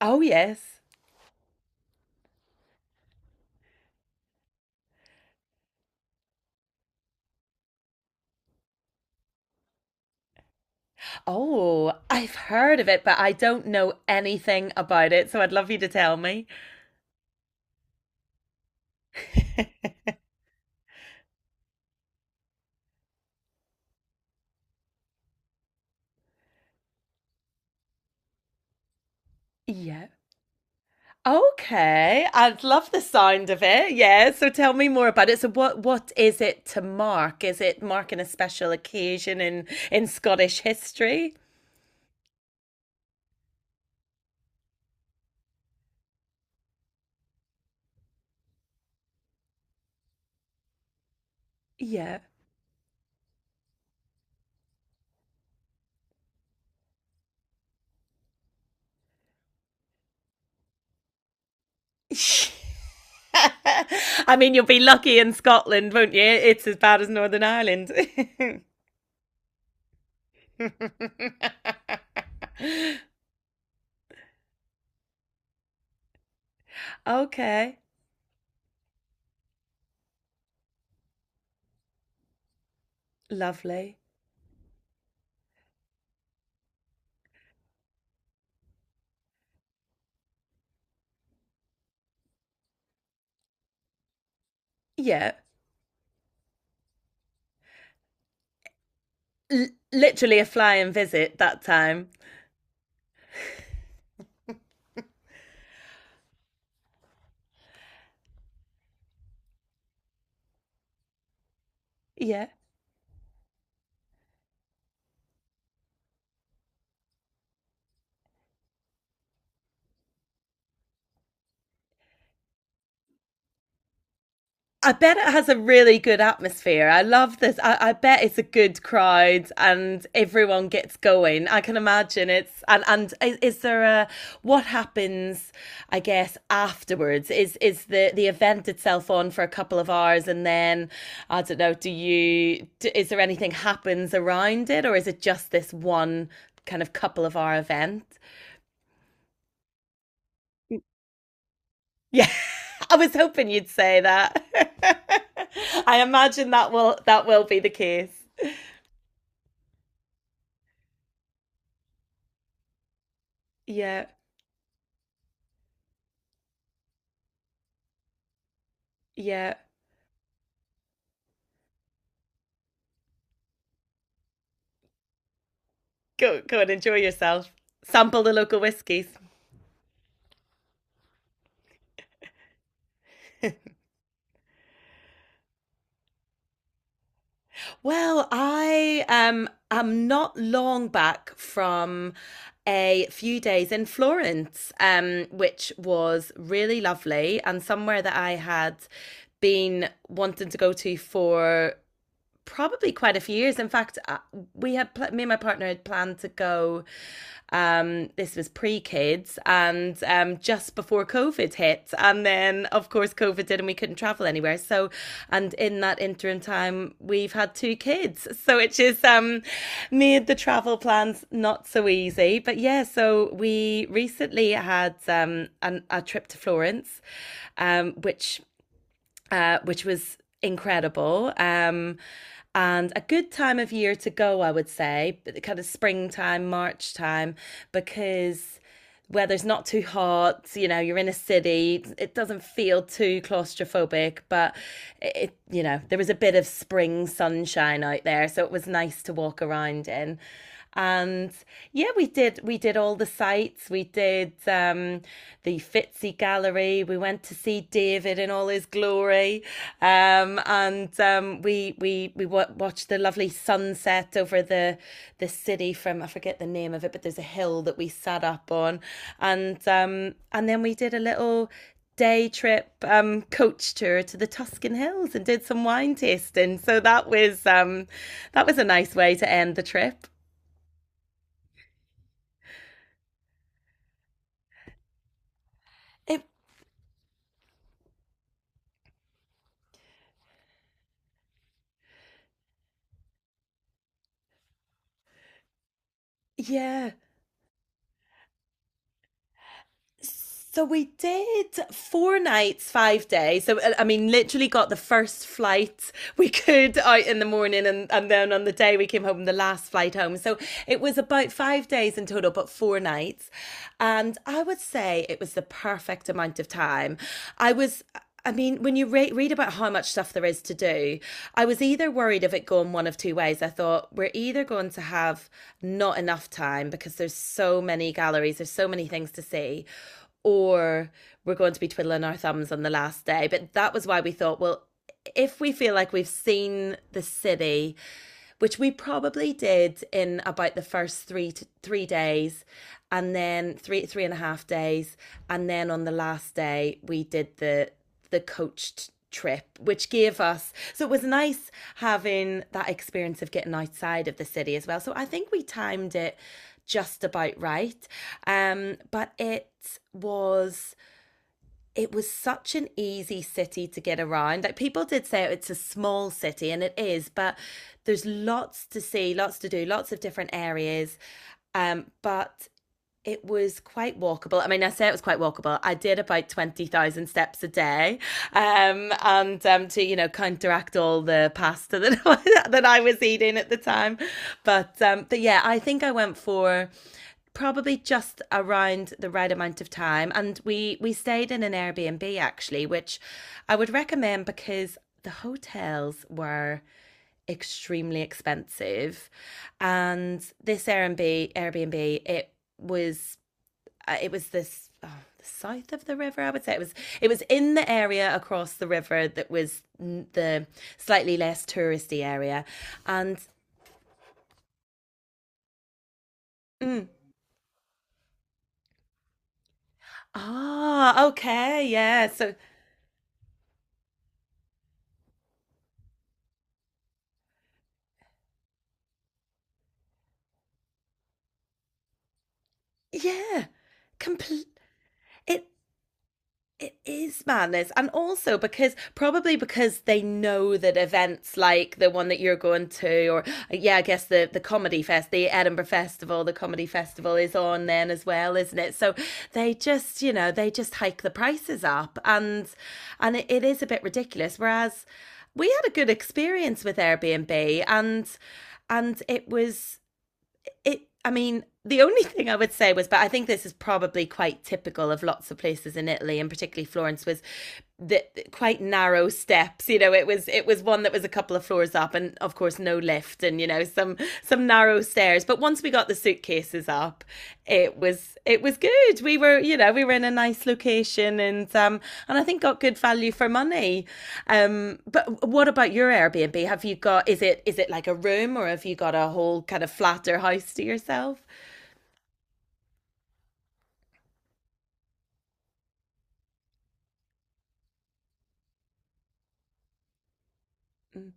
Oh, yes. Oh, I've heard of it, but I don't know anything about it, so I'd love you to tell me. Yeah. Okay. I'd love the sound of it. Yeah. So tell me more about it. So what is it to mark? Is it marking a special occasion in Scottish history? Yeah. I mean, you'll be lucky in Scotland, won't you? It's as bad as Northern Ireland. Okay. Lovely. Yeah. L- literally a flying visit that time. Yeah. I bet it has a really good atmosphere. I love this. I bet it's a good crowd and everyone gets going. I can imagine it's, and is there a, what happens? I guess afterwards, is the event itself on for a couple of hours, and then I don't know. Is there anything happens around it, or is it just this one kind of couple of hour event? Yeah, I was hoping you'd say that. I imagine that will be the case. Yeah, yeah. Go and enjoy yourself. Sample the local whiskies. Well, I am not long back from a few days in Florence, which was really lovely and somewhere that I had been wanting to go to for probably quite a few years. In fact, we had me and my partner had planned to go. This was pre kids, and just before COVID hit, and then of course COVID did, and we couldn't travel anywhere. So, and in that interim time, we've had two kids, so it just made the travel plans not so easy. But yeah, so we recently had a trip to Florence, um, which which was incredible. And a good time of year to go, I would say, kind of springtime, March time, because weather's not too hot, you know, you're in a city, it doesn't feel too claustrophobic, but it, there was a bit of spring sunshine out there, so it was nice to walk around in. And yeah, we did all the sites. We did the Fitzy Gallery. We went to see David in all his glory. And we watched the lovely sunset over the city from, I forget the name of it, but there's a hill that we sat up on, and then we did a little day trip, coach tour to the Tuscan Hills, and did some wine tasting. So that was a nice way to end the trip. It Yeah, so we did 4 nights, 5 days. So I mean, literally got the first flight we could out in the morning, and then on the day we came home, the last flight home. So it was about 5 days in total, but 4 nights. And I would say it was the perfect amount of time. I was I mean, when you read about how much stuff there is to do, I was either worried of it going one of two ways. I thought we're either going to have not enough time because there's so many galleries, there's so many things to see, or we're going to be twiddling our thumbs on the last day. But that was why we thought, well, if we feel like we've seen the city, which we probably did in about the first 3 to 3 days, and then three and a half days, and then on the last day we did the coached trip, which gave us, so it was nice having that experience of getting outside of the city as well. So I think we timed it just about right. But was it was such an easy city to get around. Like, people did say it's a small city, and it is, but there's lots to see, lots to do, lots of different areas. But it was quite walkable. I mean, I say it was quite walkable. I did about 20,000 steps a day. And to, counteract all the pasta that I was eating at the time. But yeah, I think I went for probably just around the right amount of time. And we stayed in an Airbnb actually, which I would recommend because the hotels were extremely expensive. And this Airbnb, it was was the south of the river. I would say it was in the area across the river that was the slightly less touristy area, and mm, ah, okay, yeah, so yeah, complete. It It is madness. And also, because probably because they know that events like the one that you're going to, or yeah, I guess, the comedy fest, the Edinburgh Festival, the comedy festival, is on then as well, isn't it? So they just hike the prices up, and it is a bit ridiculous. Whereas we had a good experience with Airbnb, and it was it I mean, the only thing I would say was, but I think this is probably quite typical of lots of places in Italy, and particularly Florence, was the quite narrow steps. You know, it was one that was a couple of floors up, and of course no lift, and some narrow stairs. But once we got the suitcases up, it was good. We were in a nice location, and I think got good value for money. But what about your Airbnb? Have you got, is it like a room, or have you got a whole kind of flat or house to yourself? Mm.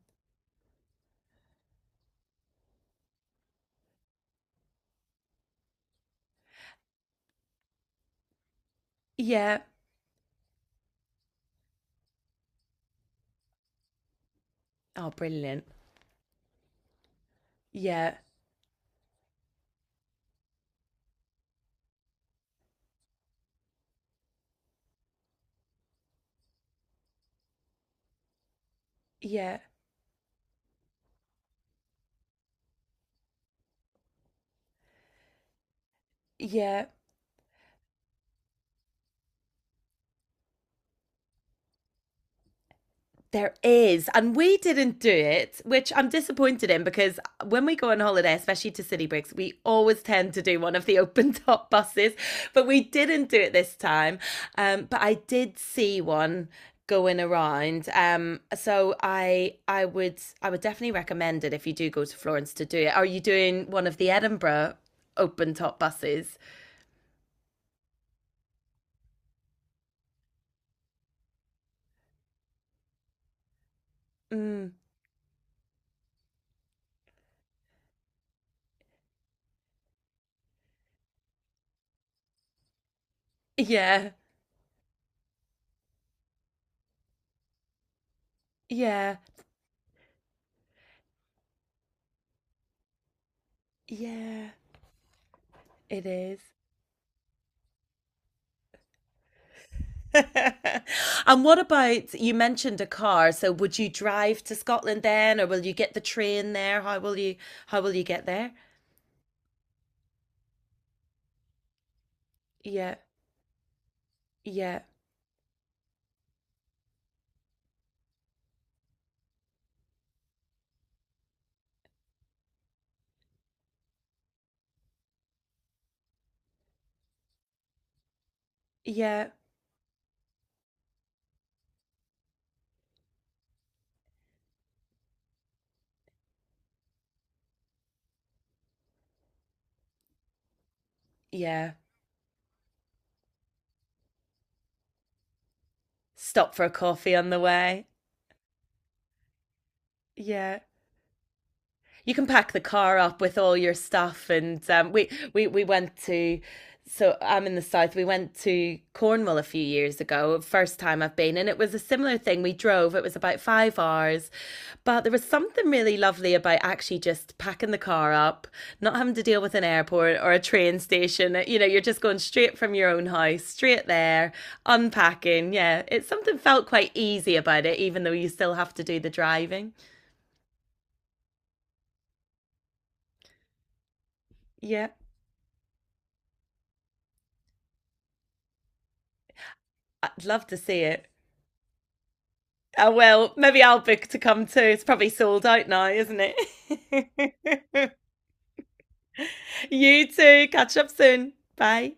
Yeah. Oh, brilliant. Yeah. Yeah. Yeah. There is. And we didn't do it, which I'm disappointed in, because when we go on holiday, especially to city breaks, we always tend to do one of the open top buses. But we didn't do it this time. But I did see one going around. So I would definitely recommend it if you do go to Florence to do it. Are you doing one of the Edinburgh open top buses? Mm, yeah. Yeah. Yeah. It is. And what about, you mentioned a car? So would you drive to Scotland then, or will you get the train there? How will you get there? Yeah, yeah, yeah, yeah. Stop for a coffee on the way. Yeah. You can pack the car up with all your stuff, and we went to, so I'm in the south, we went to Cornwall a few years ago. First time I've been, and it was a similar thing. We drove, it was about 5 hours, but there was something really lovely about actually just packing the car up, not having to deal with an airport or a train station. You know, you're just going straight from your own house, straight there, unpacking. Yeah, it's something, felt quite easy about it, even though you still have to do the driving. Yeah, I'd love to see it. I will. Maybe I'll book to come too. It's probably sold out now, isn't it? You too. Catch up soon. Bye.